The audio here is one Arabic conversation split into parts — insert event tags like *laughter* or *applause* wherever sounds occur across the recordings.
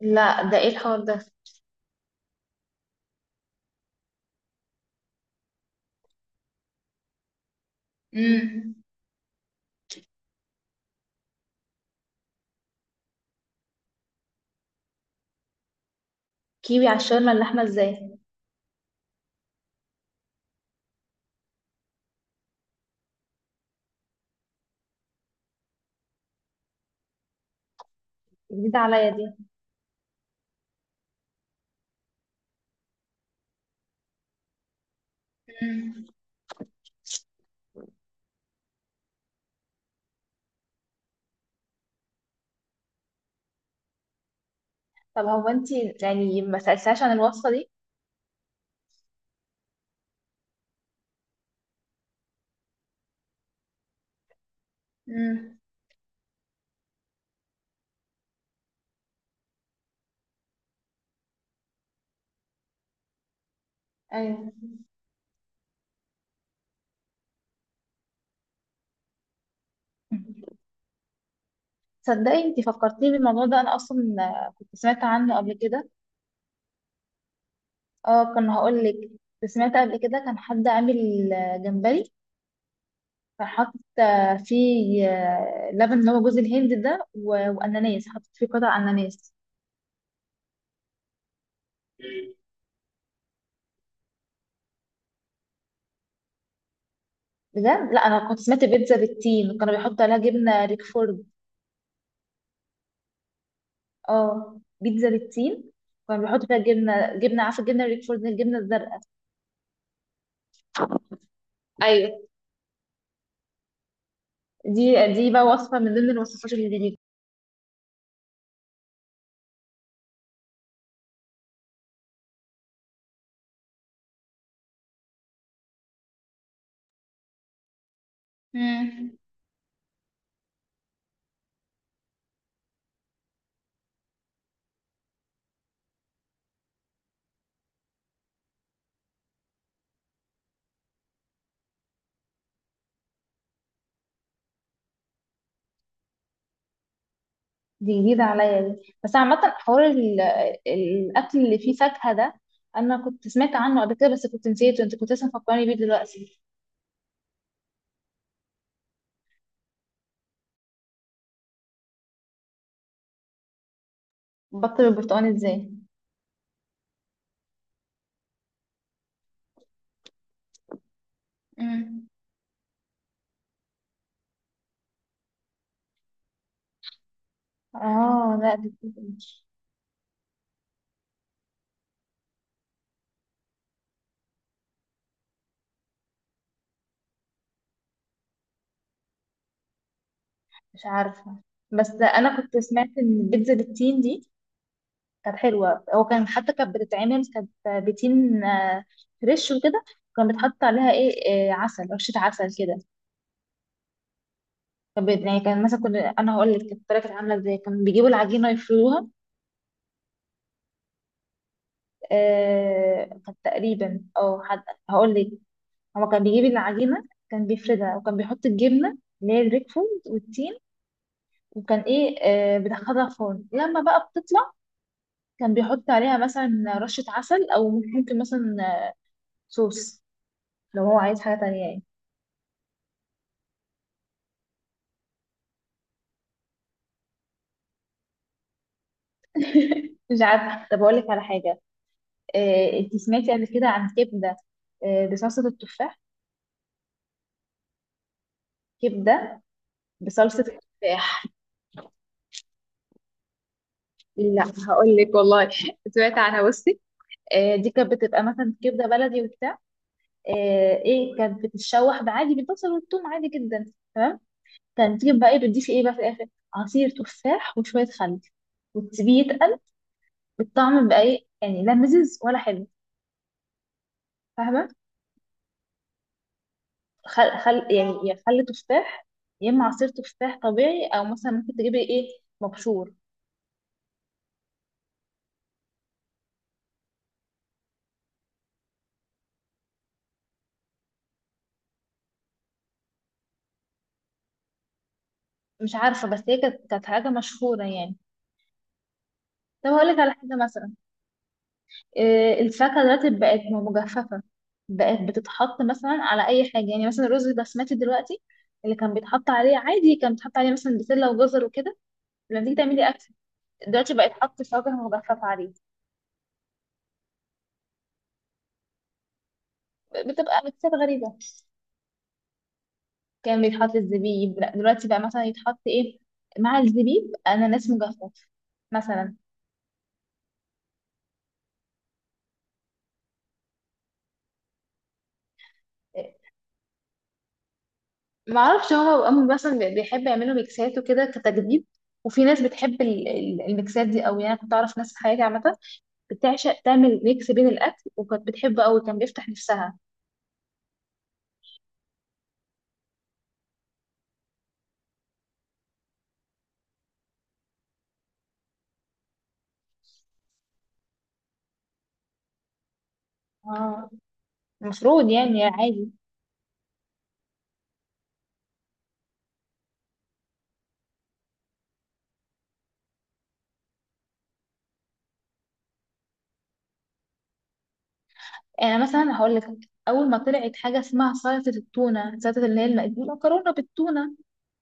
لا، ده ايه الحوار ده؟ امم. كيوي على الشاورما اللحمه ازاي؟ جديده عليا دي. امم. طب هو انت، يعني ما سالتهاش عن الوصفه دي؟ امم. ايوه. تصدقي، انت فكرتيني بالموضوع ده انا اصلا كنت سمعت عنه قبل كده. اه، كان هقول لك. كنت سمعت قبل كده كان حد عامل جمبري. كان حاطط فيه لبن اللي هو جوز الهند ده واناناس حاطط فيه قطع اناناس. بجد لا انا كنت سمعت بيتزا بالتين كانوا بيحطوا عليها جبنه ريكفورد. اه، بيتزا بالتين. كنا بنحط فيها جبنه عارفه، الجبنه الريكفورد، الجبنه الزرقاء. ايوه. دي بقى وصفه من ضمن الوصفات اللي جديده. امم. دي جديده عليا دي، بس عامه حوار الاكل اللي فيه فاكهه ده. انا كنت سمعت عنه قبل كده بس كنت نسيته، انت كنت لسه مفكراني بيه دلوقتي. بطل البرتقال ازاي؟ امم. اه، لا دي جديدة. مش عارفه، بس انا كنت سمعت ان البيتزا بالتين دي كانت حلوة، هو كان حتى كانت بتتعمل، كانت بتين فريش وكده. كان بيتحط عليها ايه؟ عسل، رشة عسل كده. كان يعني كان مثلا كنا، انا هقول لك، كانت الطريقة كانت عاملة ازاي، كان بيجيبوا العجينة يفردوها. كانت تقريبا او حد. هقول لك. هو كان بيجيب العجينة. كان بيفردها وكان بيحط الجبنة اللي هي الريكفورد والتين. وكان ايه بيدخلها فرن لما بقى بتطلع. كان بيحط عليها مثلا رشة عسل، او ممكن مثلا صوص لو هو عايز حاجة تانية يعني. *laughs* مش عارفه، طب اقول لك على حاجه. إيه، انت سمعتي قبل كده عن كبده إيه، بصلصه التفاح؟ كبده. بصلصه التفاح. لا. هقول لك والله *laughs* سمعت عنها، بصي. إيه، دي كانت بتبقى مثلا كبده بلدي وبتاع. ايه كانت بتتشوح بعادي بالبصل والثوم عادي جدا. تمام. كانت تجيب بقى ايه؟ بتضيفي ايه بقى في الاخر؟ عصير تفاح وشويه خل وتسيبيه يتقل. بالطعم بقى ايه يعني؟ لا مزز ولا حلو. فاهمه. خل يعني، يا خل تفاح يا اما عصير تفاح طبيعي، او مثلا ممكن تجيبي ايه، مبشور. مش عارفه، بس هي كانت حاجه مشهوره يعني. طب هقول لك على حاجه مثلا. إيه، الفاكهه دلوقتي بقت مجففه، بقت بتتحط مثلا على اي حاجه يعني، مثلا الرز البسمتي دلوقتي اللي كان بيتحط عليه عادي كان بيتحط عليه مثلا بسله وجزر وكده، لما تيجي تعملي اكل دلوقتي بقت حط فاكهه مجففه عليه. بتبقى ميكسات غريبه. كان بيتحط الزبيب، لا دلوقتي بقى مثلا يتحط ايه؟ مع الزبيب اناناس مجفف مثلا. ما اعرفش، هو امي مثلا بيحب يعملوا ميكسات وكده كتجديد. وفي ناس بتحب الميكسات دي قوي يعني، أنا كنت اعرف ناس في حياتي عامه بتعشق تعمل ميكس بين الاكل وكانت بتحبه قوي، كان بيفتح نفسها. اه، المفروض يعني عادي. يعني مثلا هقول لك، اول ما طلعت حاجه اسمها سلطه التونه، سلطه اللي هي المكرونه بالتونه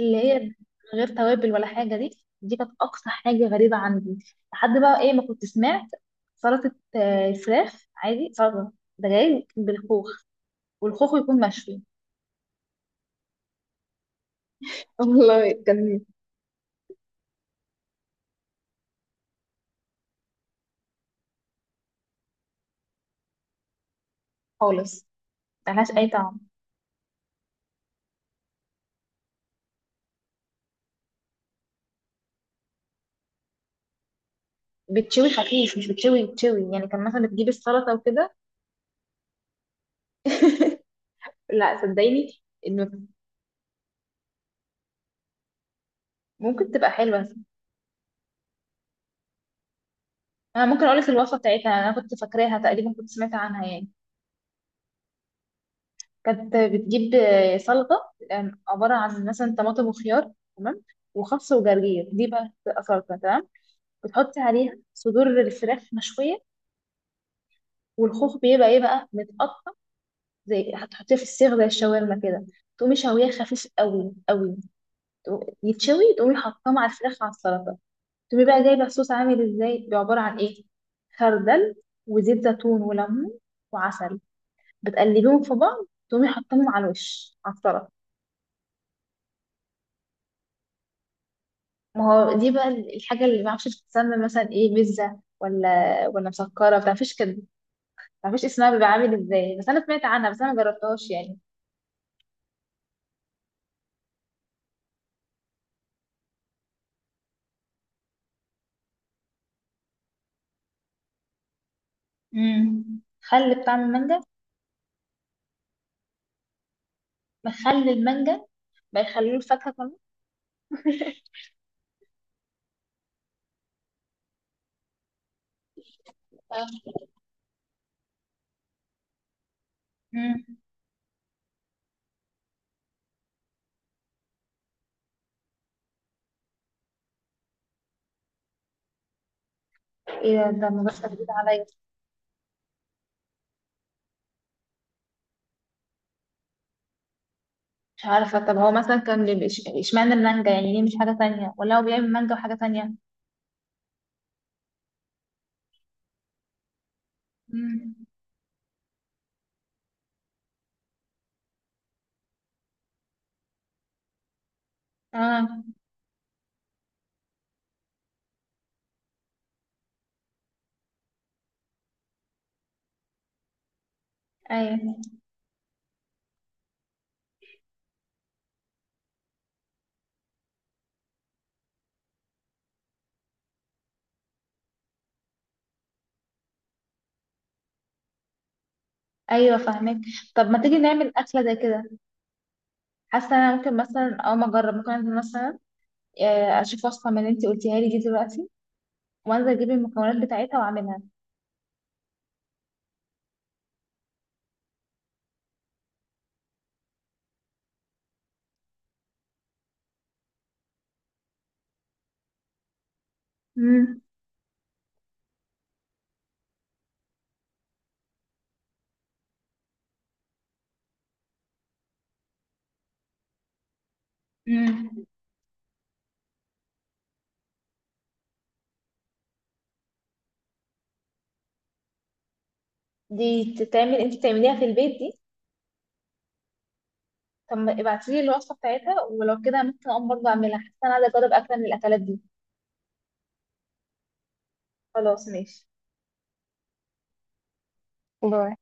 اللي هي من غير توابل ولا حاجه دي، دي كانت اقصى حاجه غريبه عندي. لحد بقى ايه ما كنت سمعت سلطه فراخ عادي، سلطه ده جاي بالخوخ، والخوخ يكون مشوي. *laughs* والله كان خالص، ملهاش اي طعم. بتشوي خفيف، مش بتشوي، بتشوي يعني كان مثلا بتجيب السلطه وكده. *laughs* لا، صدقيني، انه ممكن تبقى حلوه. انا ممكن اقول لك الوصفه بتاعتها، انا كنت فاكراها تقريبا، كنت سمعت عنها يعني. كانت بتجيب سلطه عباره عن مثلا طماطم وخيار، تمام، وخس وجرجير، دي بقى بتبقى سلطه، تمام. بتحطي عليها صدور الفراخ مشويه. والخوخ بيبقى ايه بقى، متقطع، زي هتحطيه في السيخ زي الشاورما كده. تقومي شويه خفيف قوي قوي، يتشوي، تقومي حاطاه مع الفراخ على السلطه. تقومي بقى جايبه الصوص عامل ازاي؟ بيبقى عباره عن ايه؟ خردل وزيت زيتون وليمون وعسل، بتقلبيهم في بعض، تقومي حاطاهم على الوش على الطرف. ما هو دي بقى الحاجة اللي ما اعرفش بتتسمى مثلا ايه، بيتزا ولا مسكرة، ما تعرفيش كده، ما تعرفيش اسمها بيبقى عامل ازاي، بس انا سمعت عنها بس انا ما جربتهاش يعني. امم. خل بطعم المانجا؟ بخلي المانجا. بيخلوه الفاكهة كمان. آه. امم. ايه ده؟ ده الموضوع جديد عليا. مش عارفة، طب هو مثلا كان بيبقى اشمعنى المانجا يعني؟ ليه مش حاجة تانية، ولا هو بيعمل مانجا وحاجة تانية؟ امم. اه. ايوه. ايوه، فاهمك. طب ما تيجي نعمل اكله زي كده؟ حاسه انا ممكن مثلا اول ما اجرب، ممكن انزل مثلا اشوف وصفه من اللي انت قلتيها لي دي دلوقتي وانزل اجيب المكونات بتاعتها واعملها. امم. امم. دي تتعمل، انت بتعمليها في البيت دي؟ طب ابعتي لي الوصفه بتاعتها ولو كده ممكن اقوم برضه اعملها، حاسه انا عايزه اجرب اكله من الاكلات دي. خلاص ماشي. باي.